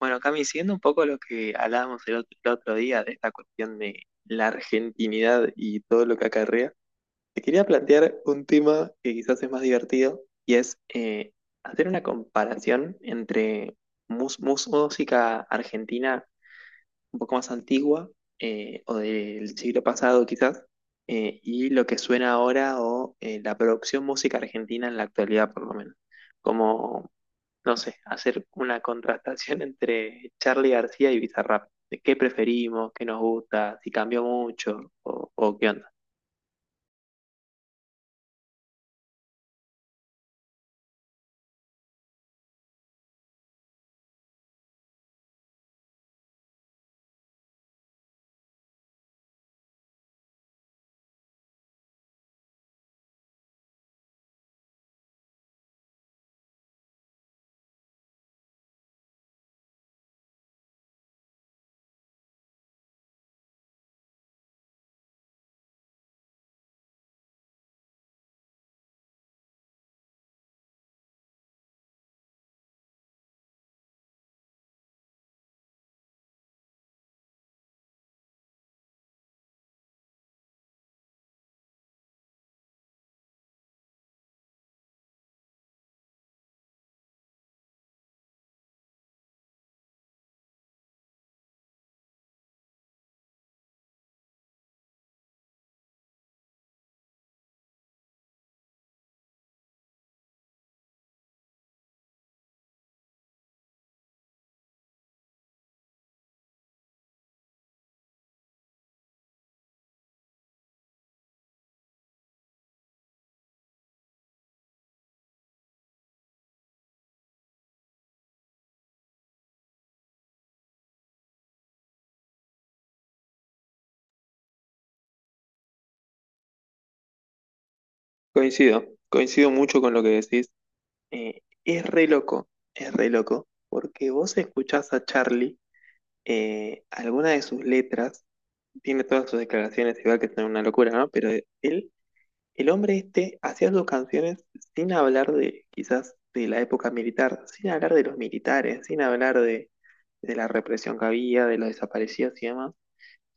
Bueno, Cami, siguiendo un poco lo que hablábamos el otro día de esta cuestión de la argentinidad y todo lo que acarrea, te quería plantear un tema que quizás es más divertido y es hacer una comparación entre música argentina un poco más antigua, o del siglo pasado quizás, y lo que suena ahora, o la producción música argentina en la actualidad por lo menos. Como no sé, hacer una contrastación entre Charlie García y Bizarrap. De qué preferimos, qué nos gusta, si cambió mucho o qué onda. Coincido mucho con lo que decís. Es re loco, es re loco, porque vos escuchás a Charlie, alguna de sus letras, tiene todas sus declaraciones, igual que es una locura, ¿no? Pero él. El hombre este hacía sus canciones sin hablar de quizás de la época militar, sin hablar de los militares, sin hablar de la represión que había, de los desaparecidos y demás.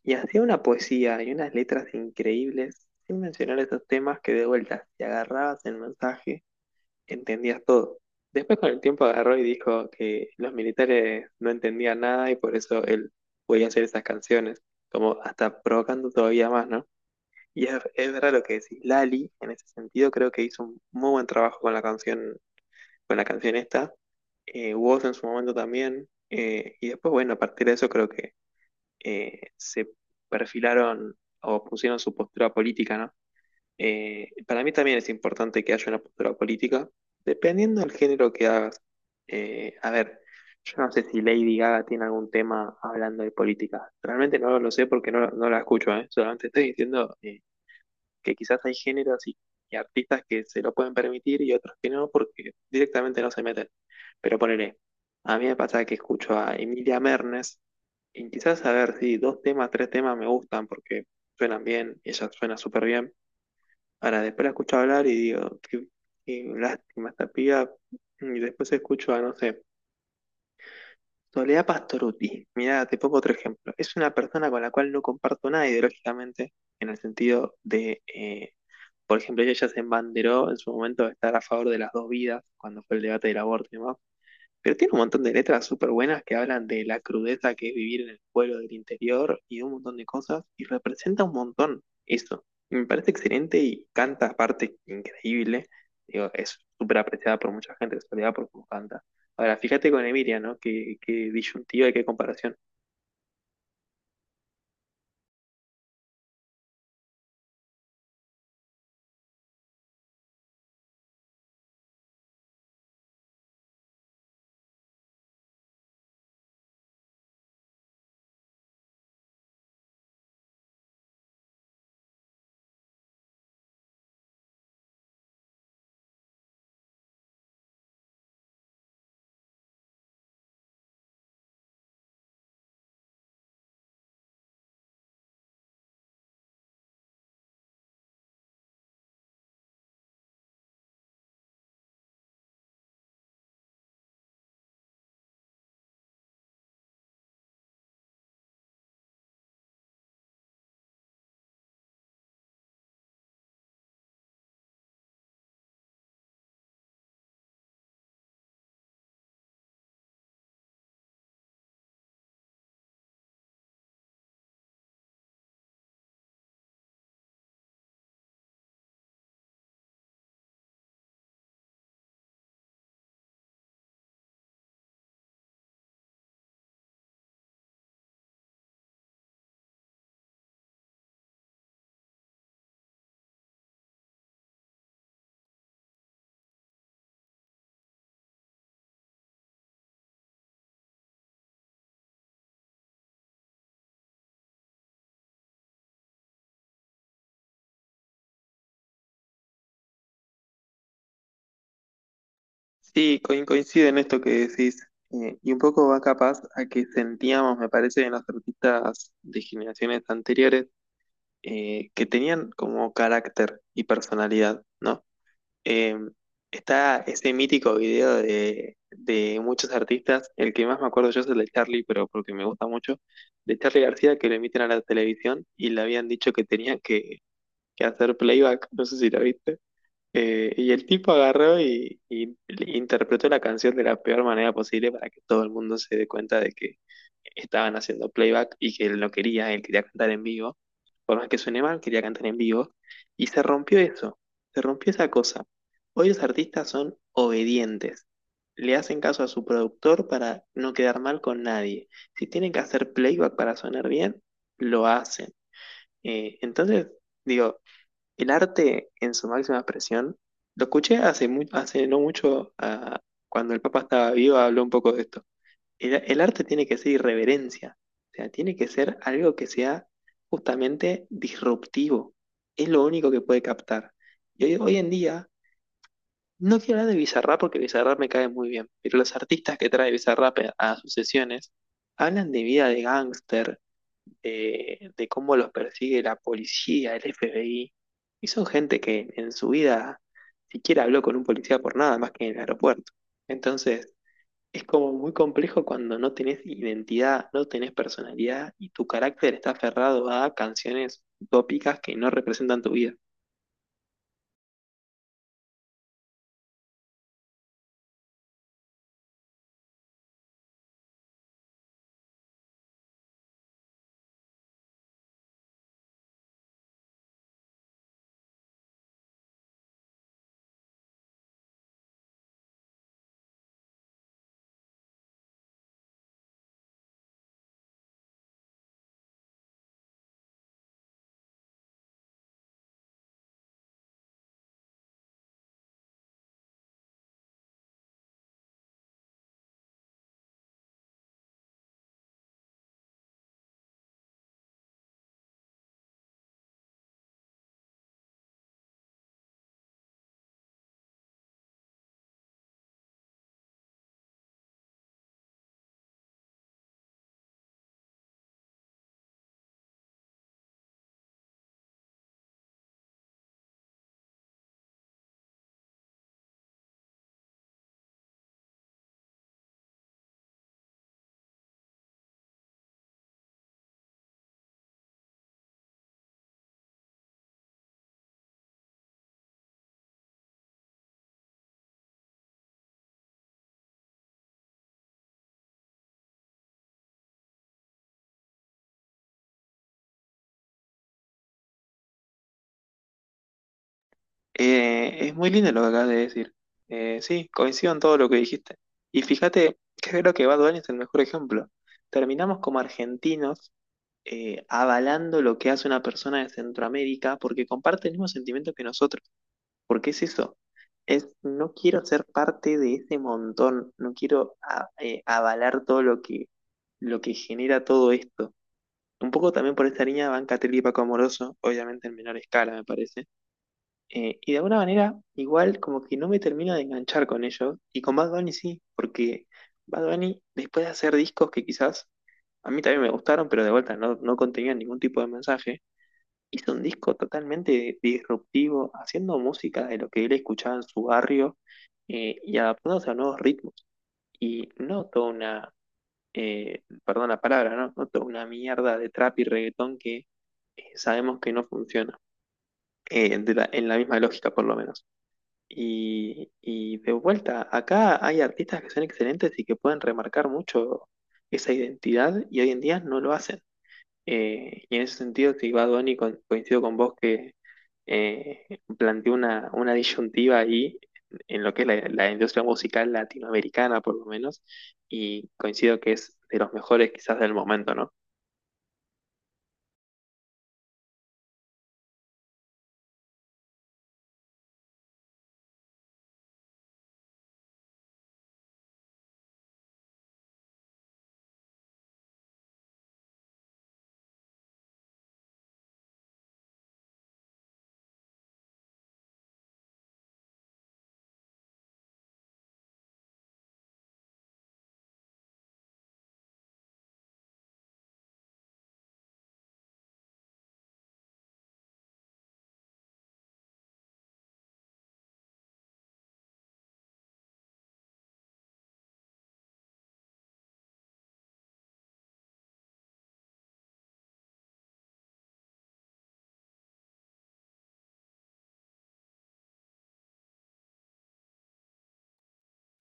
Y hacía una poesía y unas letras increíbles, sin mencionar esos temas, que de vuelta, si agarrabas el mensaje, entendías todo. Después con el tiempo agarró y dijo que los militares no entendían nada y por eso él podía hacer esas canciones, como hasta provocando todavía más, ¿no? Y es verdad lo que decís. Lali, en ese sentido, creo que hizo un muy buen trabajo con la canción esta. Woz en su momento también. Y después, bueno, a partir de eso creo que se perfilaron o pusieron su postura política, ¿no? Para mí también es importante que haya una postura política, dependiendo del género que hagas. A ver, yo no sé si Lady Gaga tiene algún tema hablando de política. Realmente no lo sé porque no, no la escucho, ¿eh? Solamente estoy diciendo que quizás hay géneros y artistas que se lo pueden permitir y otros que no, porque directamente no se meten. Pero ponele, a mí me pasa que escucho a Emilia Mernes y quizás a ver si dos temas, tres temas me gustan porque suenan bien, ella suena súper bien. Ahora después la escucho hablar y digo, qué, qué lástima esta piba. Y después escucho a, no sé, Soledad Pastoruti. Mirá, te pongo otro ejemplo. Es una persona con la cual no comparto nada ideológicamente, en el sentido de, por ejemplo, ella se embanderó en su momento de estar a favor de las dos vidas, cuando fue el debate del aborto y demás. Pero tiene un montón de letras súper buenas que hablan de la crudeza que es vivir en el pueblo del interior y un montón de cosas, y representa un montón eso. Y me parece excelente y canta aparte increíble. Digo, es súper apreciada por mucha gente, en realidad por cómo canta. Ahora, fíjate con Emilia, ¿no? Qué, qué disyuntiva y qué comparación. Sí, coincide en esto que decís. Y un poco va capaz a que sentíamos, me parece, en los artistas de generaciones anteriores, que tenían como carácter y personalidad, ¿no? Eh, Está ese mítico video de muchos artistas, el que más me acuerdo yo es el de Charlie, pero porque me gusta mucho, de Charlie García, que lo emiten a la televisión y le habían dicho que tenía que hacer playback, no sé si lo viste. Y el tipo agarró y interpretó la canción de la peor manera posible para que todo el mundo se dé cuenta de que estaban haciendo playback y que él no quería, él quería cantar en vivo. Por más que suene mal, quería cantar en vivo. Y se rompió eso, se rompió esa cosa. Hoy los artistas son obedientes. Le hacen caso a su productor para no quedar mal con nadie. Si tienen que hacer playback para sonar bien, lo hacen. Entonces, digo, el arte en su máxima expresión, lo escuché hace, hace no mucho, ah, cuando el Papa estaba vivo, habló un poco de esto. El arte tiene que ser irreverencia, o sea, tiene que ser algo que sea justamente disruptivo. Es lo único que puede captar. Y hoy, hoy en día, no quiero hablar de Bizarrap porque Bizarrap me cae muy bien, pero los artistas que trae Bizarrap a sus sesiones hablan de vida de gángster, de cómo los persigue la policía, el FBI, y son gente que en su vida siquiera habló con un policía por nada más que en el aeropuerto. Entonces, es como muy complejo cuando no tenés identidad, no tenés personalidad y tu carácter está aferrado a canciones utópicas que no representan tu vida. Es muy lindo lo que acabas de decir. Sí, coincido en todo lo que dijiste. Y fíjate que creo que Bad Bunny es el mejor ejemplo. Terminamos como argentinos, avalando lo que hace una persona de Centroamérica porque comparte el mismo sentimiento que nosotros. ¿Porque es eso? Es, no quiero ser parte de ese montón, no quiero avalar todo lo que genera todo esto. Un poco también por esta línea van Catriel y Paco Amoroso, obviamente en menor escala, me parece. Y de alguna manera, igual como que no me termino de enganchar con ellos. Y con Bad Bunny sí, porque Bad Bunny, después de hacer discos que quizás a mí también me gustaron, pero de vuelta no, no contenían ningún tipo de mensaje, hizo un disco totalmente disruptivo, haciendo música de lo que él escuchaba en su barrio, y adaptándose a nuevos ritmos. Y no toda una, perdón la palabra, ¿no? No toda una mierda de trap y reggaetón que, sabemos que no funciona, en la misma lógica por lo menos. Y de vuelta, acá hay artistas que son excelentes y que pueden remarcar mucho esa identidad y hoy en día no lo hacen. Y en ese sentido, si Bad Bunny coincido con vos que eh, planteó una disyuntiva ahí en lo que es la, la industria musical latinoamericana, por lo menos, y coincido que es de los mejores quizás del momento, ¿no?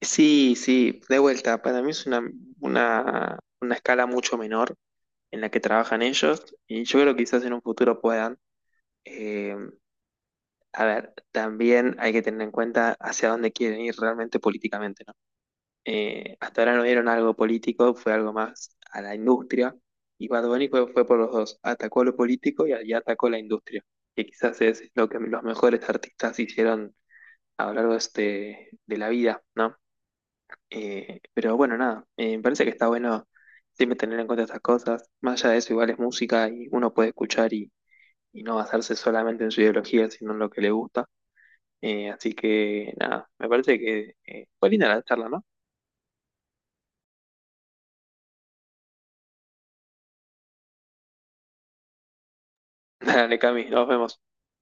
Sí, sí, de vuelta, para mí es una escala mucho menor en la que trabajan ellos, y yo creo que quizás en un futuro puedan. eh, a ver, también hay que tener en cuenta hacia dónde quieren ir realmente políticamente, ¿no? Hasta ahora no dieron algo político, fue algo más a la industria. Y Bad Bunny fue, fue por los dos, atacó lo político y atacó la industria, que quizás es lo que los mejores artistas hicieron a lo largo de, de la vida, ¿no? Pero bueno, nada, me parece que está bueno siempre tener en cuenta estas cosas. Más allá de eso, igual es música y uno puede escuchar y no basarse solamente en su ideología, sino en lo que le gusta. Así que nada, me parece que fue linda la charla, ¿no? Dale, Cami, nos vemos.